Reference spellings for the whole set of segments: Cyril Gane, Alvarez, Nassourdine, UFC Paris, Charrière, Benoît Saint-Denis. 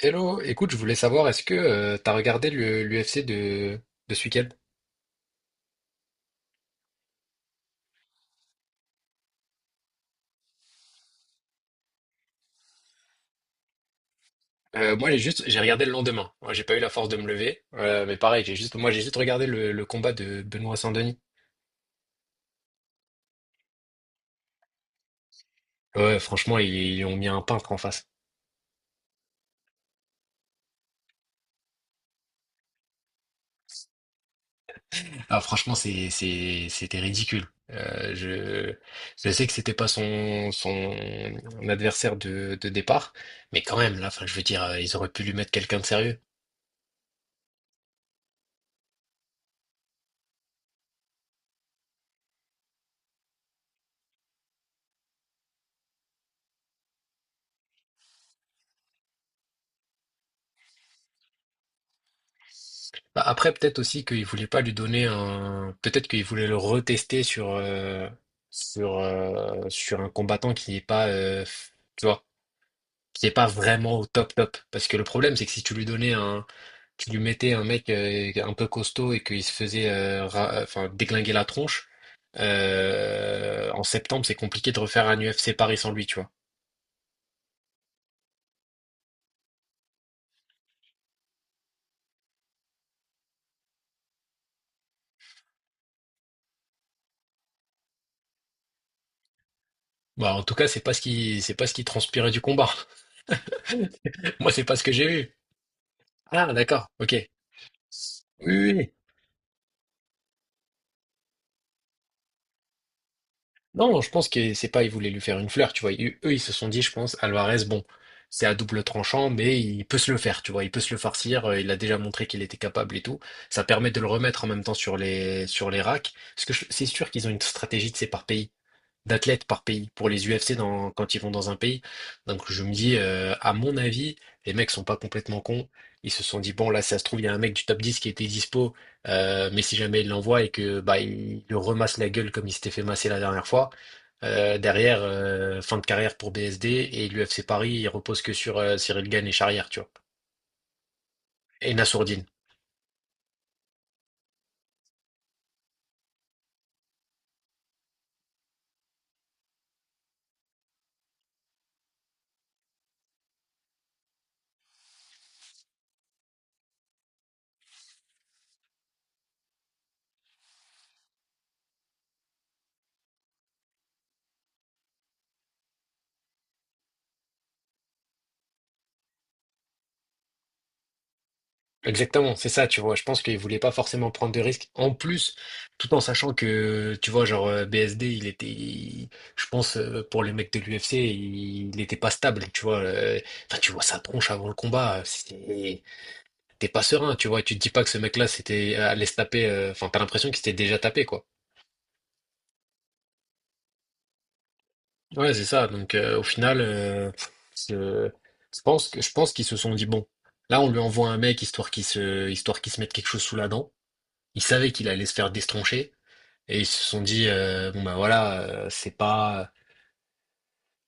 Hello, écoute, je voulais savoir, est-ce que tu t'as regardé l'UFC de ce week-end? Moi, j'ai regardé le lendemain. Moi, j'ai pas eu la force de me lever, mais pareil, j'ai juste regardé le combat de Benoît Saint-Denis. Ouais, franchement, ils ont mis un peintre en face. Ah, franchement, c'était ridicule. Euh, je, je sais que c'était pas son adversaire de départ, mais quand même, là, enfin, je veux dire, ils auraient pu lui mettre quelqu'un de sérieux. Bah, après, peut-être aussi qu'il voulait pas lui donner un. Peut-être qu'il voulait le retester sur un combattant qui n'est pas, tu vois, qui n'est pas vraiment au top top. Parce que le problème, c'est que si tu lui donnais un, tu lui mettais un mec un peu costaud et qu'il se faisait, enfin, déglinguer la tronche, en septembre, c'est compliqué de refaire un UFC Paris sans lui, tu vois. Bah, en tout cas, c'est pas ce qui transpirait du combat. Moi, c'est pas ce que j'ai vu. Ah, d'accord, ok. Oui, oui. Non, je pense que c'est pas, ils voulaient lui faire une fleur, tu vois. Eux, ils se sont dit, je pense, Alvarez, bon, c'est à double tranchant, mais il peut se le faire, tu vois. Il peut se le farcir. Il a déjà montré qu'il était capable et tout. Ça permet de le remettre en même temps sur les racks. Parce que c'est sûr qu'ils ont une stratégie, de c'est par pays, d'athlètes par pays, pour les UFC dans, quand ils vont dans un pays. Donc, je me dis, à mon avis, les mecs sont pas complètement cons. Ils se sont dit, bon, là, ça se trouve, il y a un mec du top 10 qui était dispo, mais si jamais il l'envoie et que, bah, il le remasse la gueule comme il s'était fait masser la dernière fois, derrière, fin de carrière pour BSD et l'UFC Paris, il repose que sur Cyril Gane et Charrière, tu vois. Et Nassourdine. Exactement, c'est ça, tu vois. Je pense qu'il voulait pas forcément prendre de risques. En plus, tout en sachant que, tu vois, genre BSD, il était, je pense, pour les mecs de l'UFC, il n'était pas stable, tu vois. Enfin, tu vois sa tronche avant le combat. C'est t'es pas serein, tu vois, et tu te dis pas que ce mec-là c'était allait se taper, enfin t'as l'impression qu'il s'était déjà tapé, quoi. Ouais, c'est ça. Donc au final, je, je pense qu'ils se sont dit bon, là on lui envoie un mec histoire qu'il se mette quelque chose sous la dent. Ils savaient qu'il allait se faire destroncher et ils se sont dit bon bah voilà, c'est pas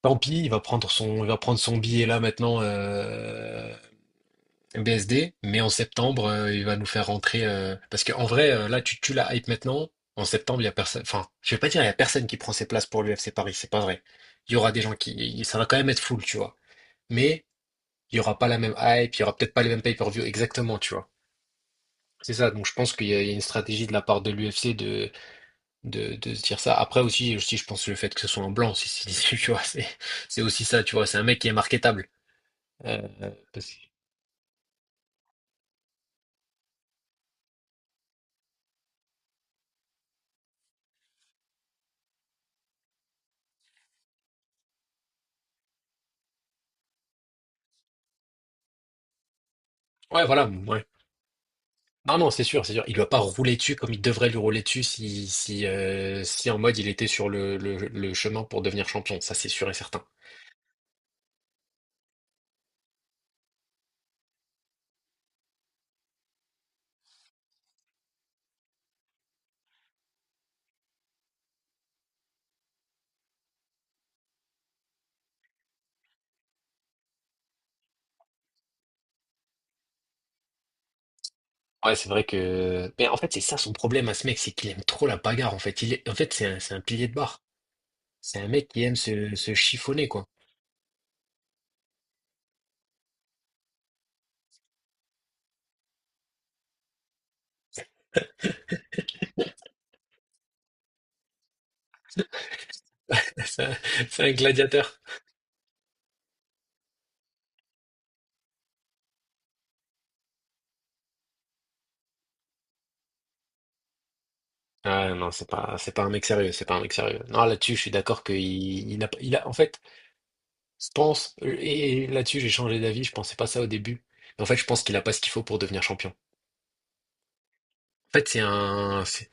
tant pis, il va prendre son billet là maintenant. BSD, mais en septembre, il va nous faire rentrer. Parce qu'en vrai, là, tu tues la hype maintenant. En septembre, il y a personne. Enfin, je vais pas dire il y a personne qui prend ses places pour l'UFC Paris, c'est pas vrai. Il y aura des gens qui. Ça va quand même être full, tu vois. Mais il y aura pas la même hype, il y aura peut-être pas les mêmes pay-per-view exactement, tu vois. C'est ça. Donc je pense qu'il y a une stratégie de la part de l'UFC de, de se dire ça. Après aussi, je pense le fait que ce soit en blanc, si tu vois, c'est aussi ça, tu vois. C'est un mec qui est marketable. Euh, parce que- Ouais, voilà. Moi, non, non, c'est sûr, c'est sûr. Il doit pas rouler dessus comme il devrait lui rouler dessus si en mode il était sur le chemin pour devenir champion. Ça, c'est sûr et certain. Ouais, c'est vrai que. Mais en fait, c'est ça son problème à ce mec, c'est qu'il aime trop la bagarre, en fait. Il est... En fait, c'est un pilier de barre. C'est un mec qui aime se chiffonner, quoi. C'est un c'est un gladiateur. Ah non, c'est pas un mec sérieux, c'est pas un mec sérieux. Non, là-dessus, je suis d'accord qu'il il n'a pas- il a, en fait, je pense, et là-dessus, j'ai changé d'avis, je pensais pas ça au début. En fait, je pense qu'il a pas ce qu'il faut pour devenir champion. En fait, c'est un.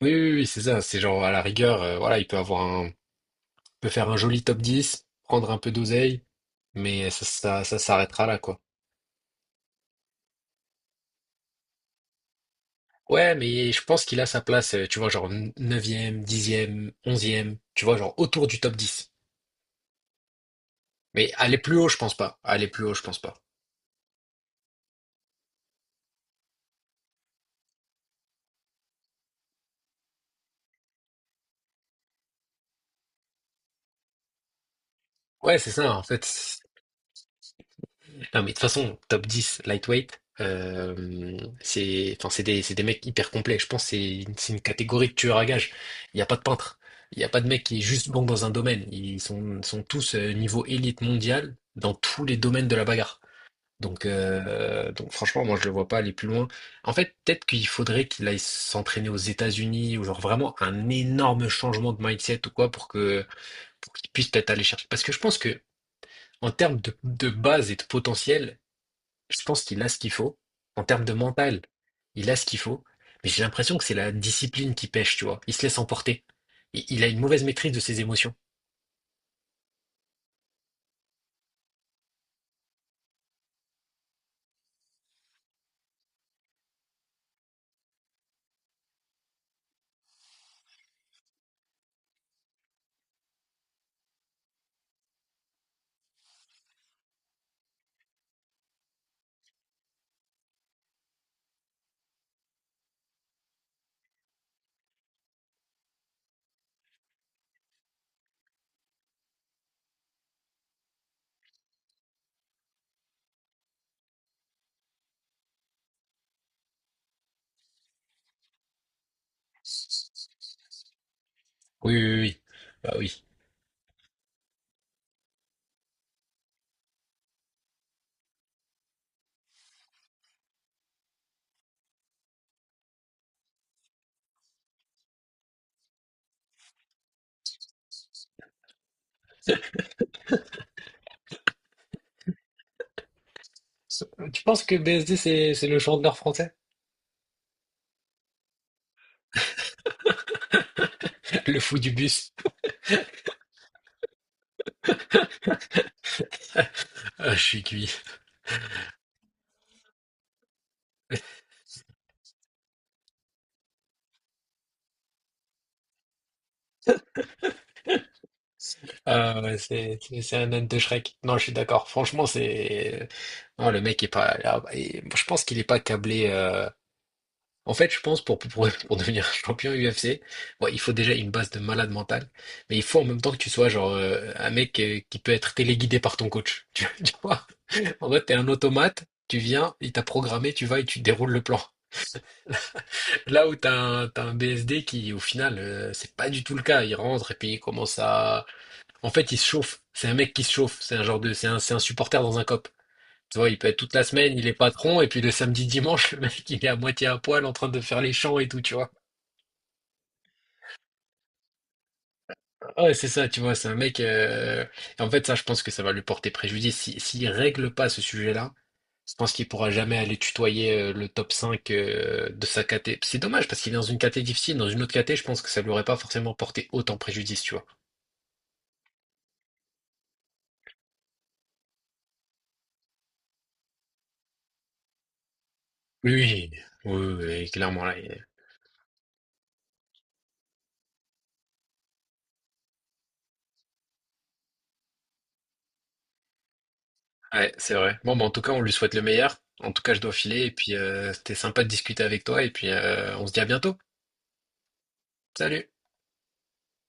Oui, oui, oui, c'est ça. C'est genre à la rigueur, voilà, il peut avoir un, peut faire un joli top 10, prendre un peu d'oseille, mais ça s'arrêtera là, quoi. Ouais, mais je pense qu'il a sa place, tu vois, genre neuvième, dixième, onzième, tu vois, genre autour du top 10. Mais aller plus haut, je pense pas. Aller plus haut, je pense pas. Ouais, c'est ça, en fait. Non, mais de toute façon, top 10 lightweight, c'est, enfin, c'est des mecs hyper complets. Je pense que c'est une catégorie de tueurs à gages. Il n'y a pas de peintre. Il n'y a pas de mec qui est juste bon dans un domaine. Ils sont tous niveau élite mondiale dans tous les domaines de la bagarre. Donc, franchement, moi, je le vois pas aller plus loin. En fait, peut-être qu'il faudrait qu'il aille s'entraîner aux États-Unis ou genre vraiment un énorme changement de mindset ou quoi pour qu'il puisse peut-être aller chercher. Parce que je pense que, en termes de base et de potentiel, je pense qu'il a ce qu'il faut en termes de mental. Il a ce qu'il faut, mais j'ai l'impression que c'est la discipline qui pêche, tu vois. Il se laisse emporter. Il a une mauvaise maîtrise de ses émotions. Oui, oui, oui. Bah oui. Tu penses que BSD, c'est le chanteur français? Le fou du bus. Ah, je suis cuit. Ah, ouais, c'est un âne de Shrek. Non, je suis d'accord. Franchement, c'est... Non, le mec est pas... ah, bah, je pense qu'il est pas câblé... En fait, je pense pour, devenir un champion UFC, bon, il faut déjà une base de malade mental, mais il faut en même temps que tu sois genre un mec qui peut être téléguidé par ton coach. Tu vois? En fait, t'es un automate, tu viens, il t'a programmé, tu vas et tu déroules le plan. Là où t'as un, BSD qui, au final, c'est pas du tout le cas. Il rentre et puis il commence à... En fait, il se chauffe. C'est un mec qui se chauffe. C'est un genre de... C'est un supporter dans un cop. Tu vois, il peut être toute la semaine, il est patron, et puis le samedi, dimanche, le mec, il est à moitié à poil en train de faire les champs et tout, tu vois. Ouais, c'est ça, tu vois, c'est un mec. En fait, ça, je pense que ça va lui porter préjudice. Si, s'il règle pas ce sujet-là, je pense qu'il pourra jamais aller tutoyer le top 5 de sa caté. C'est dommage parce qu'il est dans une caté difficile. Dans une autre caté, je pense que ça lui aurait pas forcément porté autant préjudice, tu vois. Oui, oui, oui, oui, oui, clairement là. Il Ouais, c'est vrai. Bon, bah, en tout cas, on lui souhaite le meilleur. En tout cas, je dois filer et puis c'était sympa de discuter avec toi et puis on se dit à bientôt. Salut.